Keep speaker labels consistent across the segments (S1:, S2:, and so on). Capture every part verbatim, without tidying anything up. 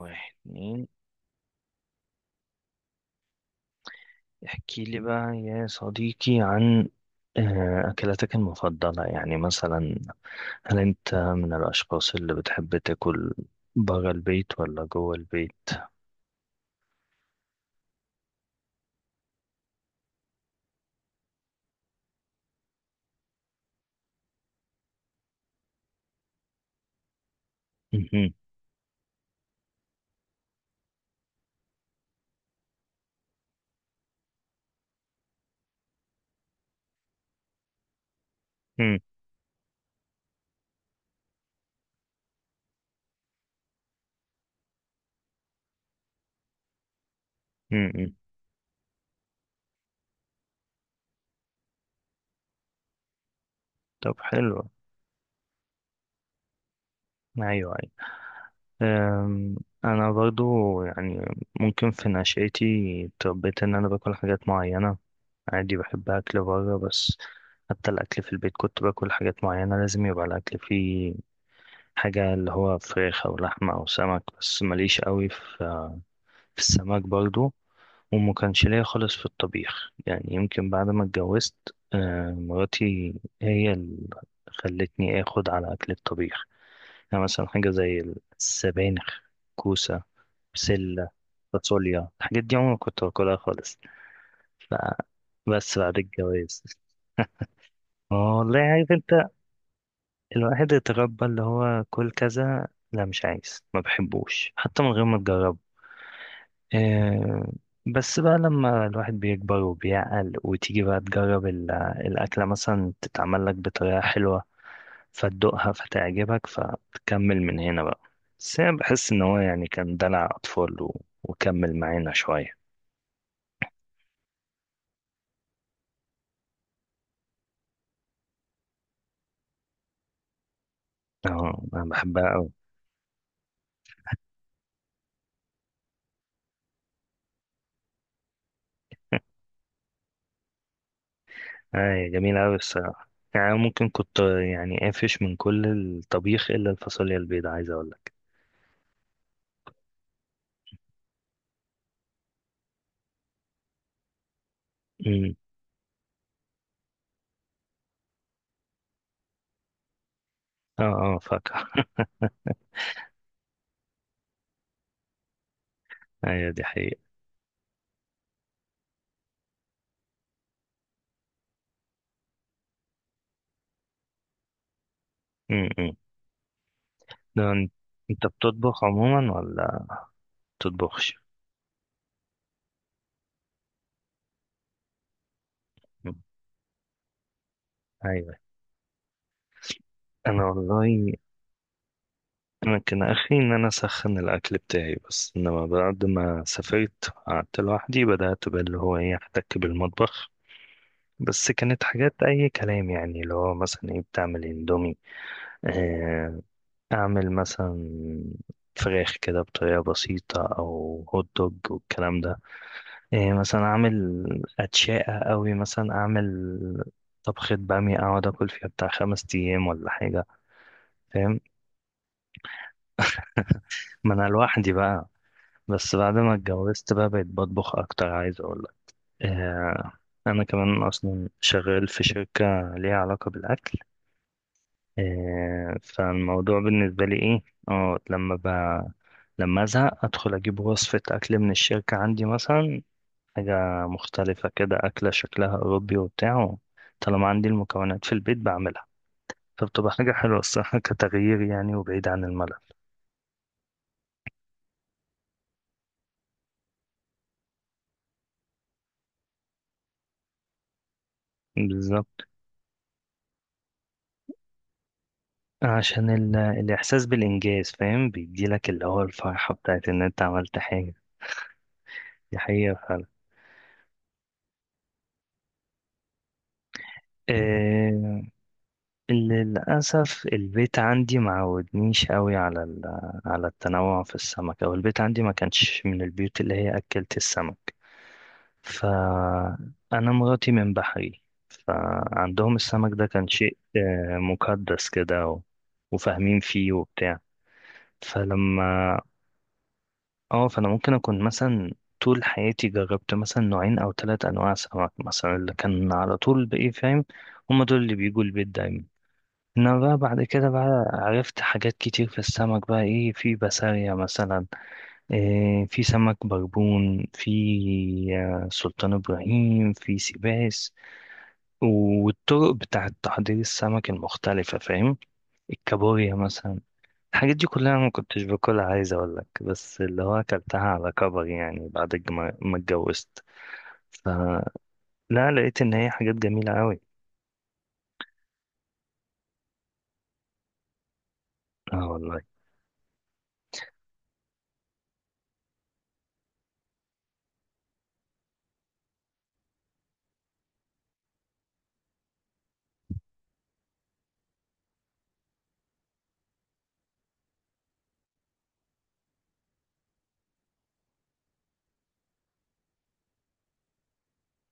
S1: واحد، اتنين. احكي لي بقى يا صديقي عن آه، أكلاتك المفضلة، يعني مثلا، هل أنت من الأشخاص اللي بتحب تاكل برا البيت ولا جوه البيت؟ مهم. مم. مم. طب، حلو. أيوه، أيوه. أم، أنا برضو، يعني، ممكن في نشأتي اتربيت إن أنا باكل حاجات معينة. عادي، بحب أكل برا بس. حتى الأكل في البيت كنت باكل حاجات معينة، لازم يبقى الأكل فيه حاجة اللي هو فراخ أو لحمة أو سمك، بس ماليش قوي في في السمك برضو. وما كانش ليا خالص في الطبيخ، يعني يمكن بعد ما اتجوزت آه، مراتي هي اللي خلتني آخد على أكل الطبيخ. يعني مثلا حاجة زي السبانخ، كوسة، بسلة، فاصوليا. الحاجات دي عمري ما كنت باكلها خالص. فبس بعد الجواز. اه والله، عارف انت، الواحد اتربى اللي هو كل كذا، لا، مش عايز، ما بحبوش حتى من غير ما تجربه. آه، بس بقى لما الواحد بيكبر وبيعقل وتيجي بقى تجرب ال- الأكلة، مثلا، تتعمل لك بطريقة حلوة، فتدوقها فتعجبك فتكمل من هنا بقى. بس أنا بحس إن هو يعني كان دلع أطفال و... وكمل معانا شوية. اه، أنا بحبها أوي. أي، جميلة أوي الصراحة، يعني ممكن كنت يعني قافش من كل الطبيخ إلا الفاصوليا البيضاء، عايز أقولك. اه. اه، فاكهة. ايوه، دي حقيقة. م- م. ده انت أنت بتطبخ عموما ولا بتطبخش؟ م. ايوه. انا والله انا كان اخري ان انا اسخن الاكل بتاعي بس. انما بعد ما سافرت قعدت لوحدي، بدأت باللي هو ايه، احتك بالمطبخ. بس كانت حاجات اي كلام، يعني اللي هو مثلا ايه، بتعمل اندومي، آه، اعمل مثلا فراخ كده بطريقة بسيطة، او هوت دوج والكلام ده. إيه، مثلا اعمل اتشاقة قوي، مثلا اعمل طبخة بامية اقعد اكل فيها بتاع خمس ايام ولا حاجة، فاهم. ما انا لوحدي بقى. بس بعد ما اتجوزت بقى بقيت بطبخ اكتر، عايز اقول لك. إيه، انا كمان اصلا شغال في شركة ليها علاقة بالاكل. إيه، فالموضوع بالنسبة لي ايه، اه، لما ب... لما ازهق ادخل اجيب وصفة اكل من الشركة عندي، مثلا حاجة مختلفة كده، أكلة شكلها أوروبي وبتاع. طالما عندي المكونات في البيت بعملها، فبتبقى حاجة حلوة الصراحة كتغيير يعني، وبعيد عن الملل. بالظبط. عشان ال... الإحساس بالإنجاز، فاهم، بيديلك اللي هو الفرحة بتاعت إن أنت عملت حاجة. دي حقيقة فعلا. إيه... للأسف البيت عندي معودنيش قوي على ال... على التنوع في السمك، أو البيت عندي ما كانش من البيوت اللي هي أكلت السمك. فأنا مراتي من بحري، فعندهم السمك ده كان شيء آه، مقدس كده و- وفاهمين فيه وبتاع، فلما. اه، فأنا ممكن أكون مثلا طول حياتي جربت مثلا نوعين أو ثلاث أنواع سمك، مثلا اللي كان على طول بإيه، فاهم. هما دول اللي بيجوا البيت دايما. انما بقى بعد كده بقى عرفت حاجات كتير في السمك، بقى ايه في بسارية مثلا، إيه، في سمك بربون، في آه، سلطان ابراهيم، في سيباس. والطرق بتاعة تحضير السمك المختلفة، فاهم. الكابوريا مثلا. الحاجات دي كلها أنا ما كنتش باكلها، عايز أقول لك، بس اللي هو أكلتها على كبر، يعني بعد الج- ما ما اتجوزت. فلا، لقيت إن هي حاجات جميلة أوي. اه والله.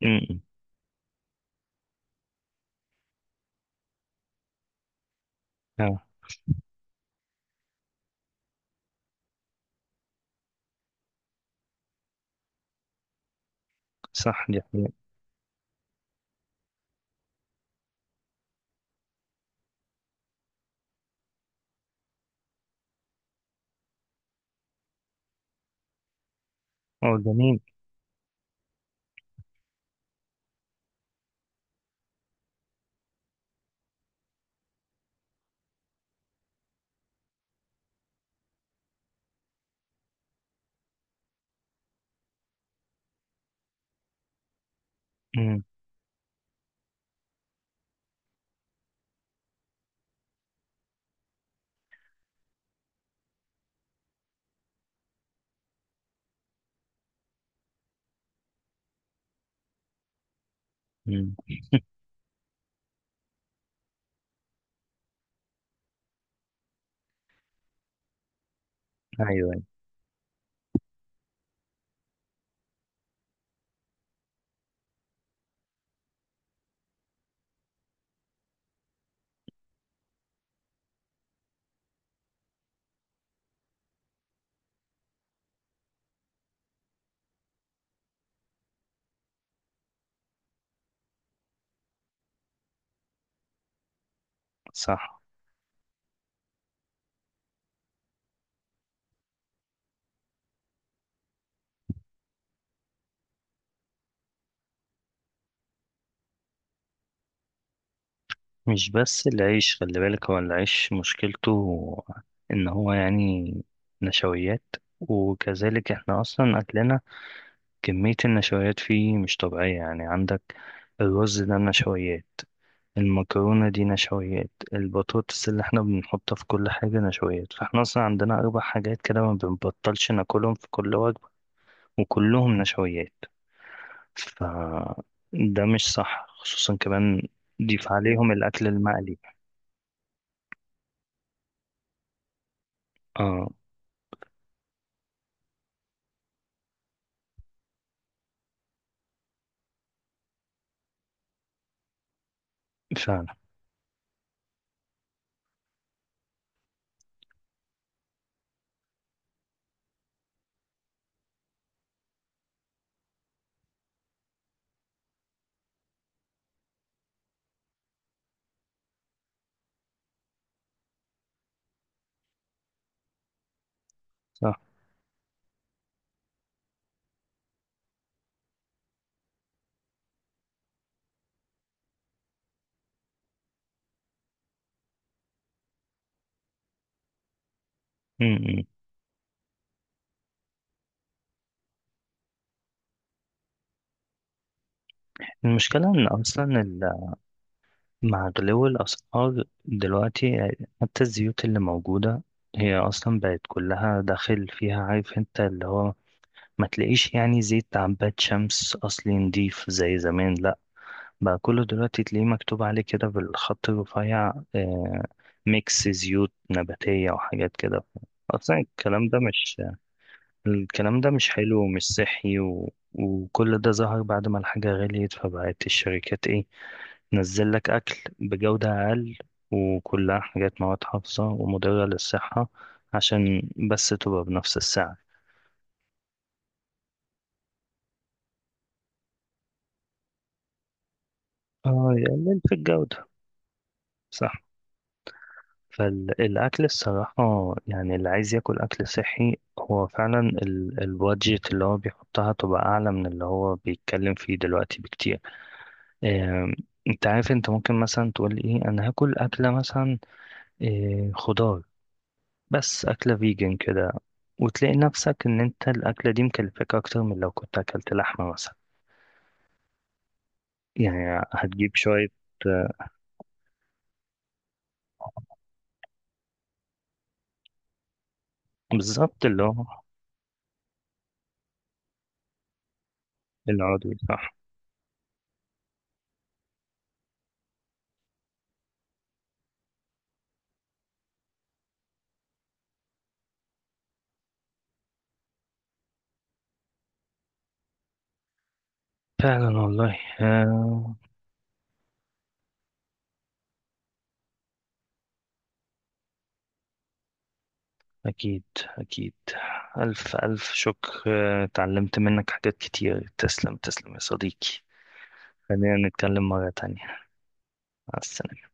S1: امم. إمم. اه، صح، دي حقيقة. اه، جميل. امم. امم. أيوه، أيوة، صح. مش بس العيش، خلي بالك هو العيش مشكلته إن هو يعني نشويات. وكذلك احنا أصلا أكلنا كمية النشويات فيه مش طبيعية. يعني عندك الرز ده نشويات، المكرونة دي نشويات، البطاطس اللي احنا بنحطها في كل حاجة نشويات. فاحنا اصلا عندنا أربع حاجات كده ما بنبطلش ناكلهم في كل وجبة، وكلهم نشويات. ف ده مش صح، خصوصا كمان ضيف عليهم الأكل المقلي. اه، فعلا صح. م- م. المشكلة إن أصلا، مع غلو الأسعار دلوقتي، حتى الزيوت اللي موجودة هي أصلا بقت كلها داخل فيها، عارف انت اللي هو ما تلاقيش يعني زيت عباد شمس أصلي نضيف زي زمان، لأ. بقى كله دلوقتي تلاقيه مكتوب عليه كده بالخط الرفيع، آه، ميكس زيوت نباتية وحاجات كده. أصلا الكلام ده مش الكلام ده مش حلو ومش صحي، و... وكل ده ظهر بعد ما الحاجة غليت، فبقت الشركات ايه نزل لك أكل بجودة أقل، وكلها حاجات مواد حافظة ومضرة للصحة، عشان بس تبقى بنفس السعر. اه، يقلل في الجودة. صح. فالأكل الصراحة، يعني اللي عايز ياكل أكل صحي، هو فعلا ال- البادجت اللي هو بيحطها تبقى أعلى من اللي هو بيتكلم فيه دلوقتي بكتير. آم، انت عارف انت، ممكن مثلا تقول ايه، انا هاكل أكلة مثلا آه، خضار، بس أكلة فيجن كده، وتلاقي نفسك إن أنت الأكلة دي مكلفاك أكتر من لو كنت أكلت لحمة مثلا، يعني هتجيب شوية. بالظبط اللي هو العضوي، صح. فعلا والله. آه، أكيد أكيد. ألف ألف شكر، آه، اتعلمت منك حاجات كتير. تسلم تسلم يا صديقي. خلينا نتكلم مرة تانية. مع السلامة.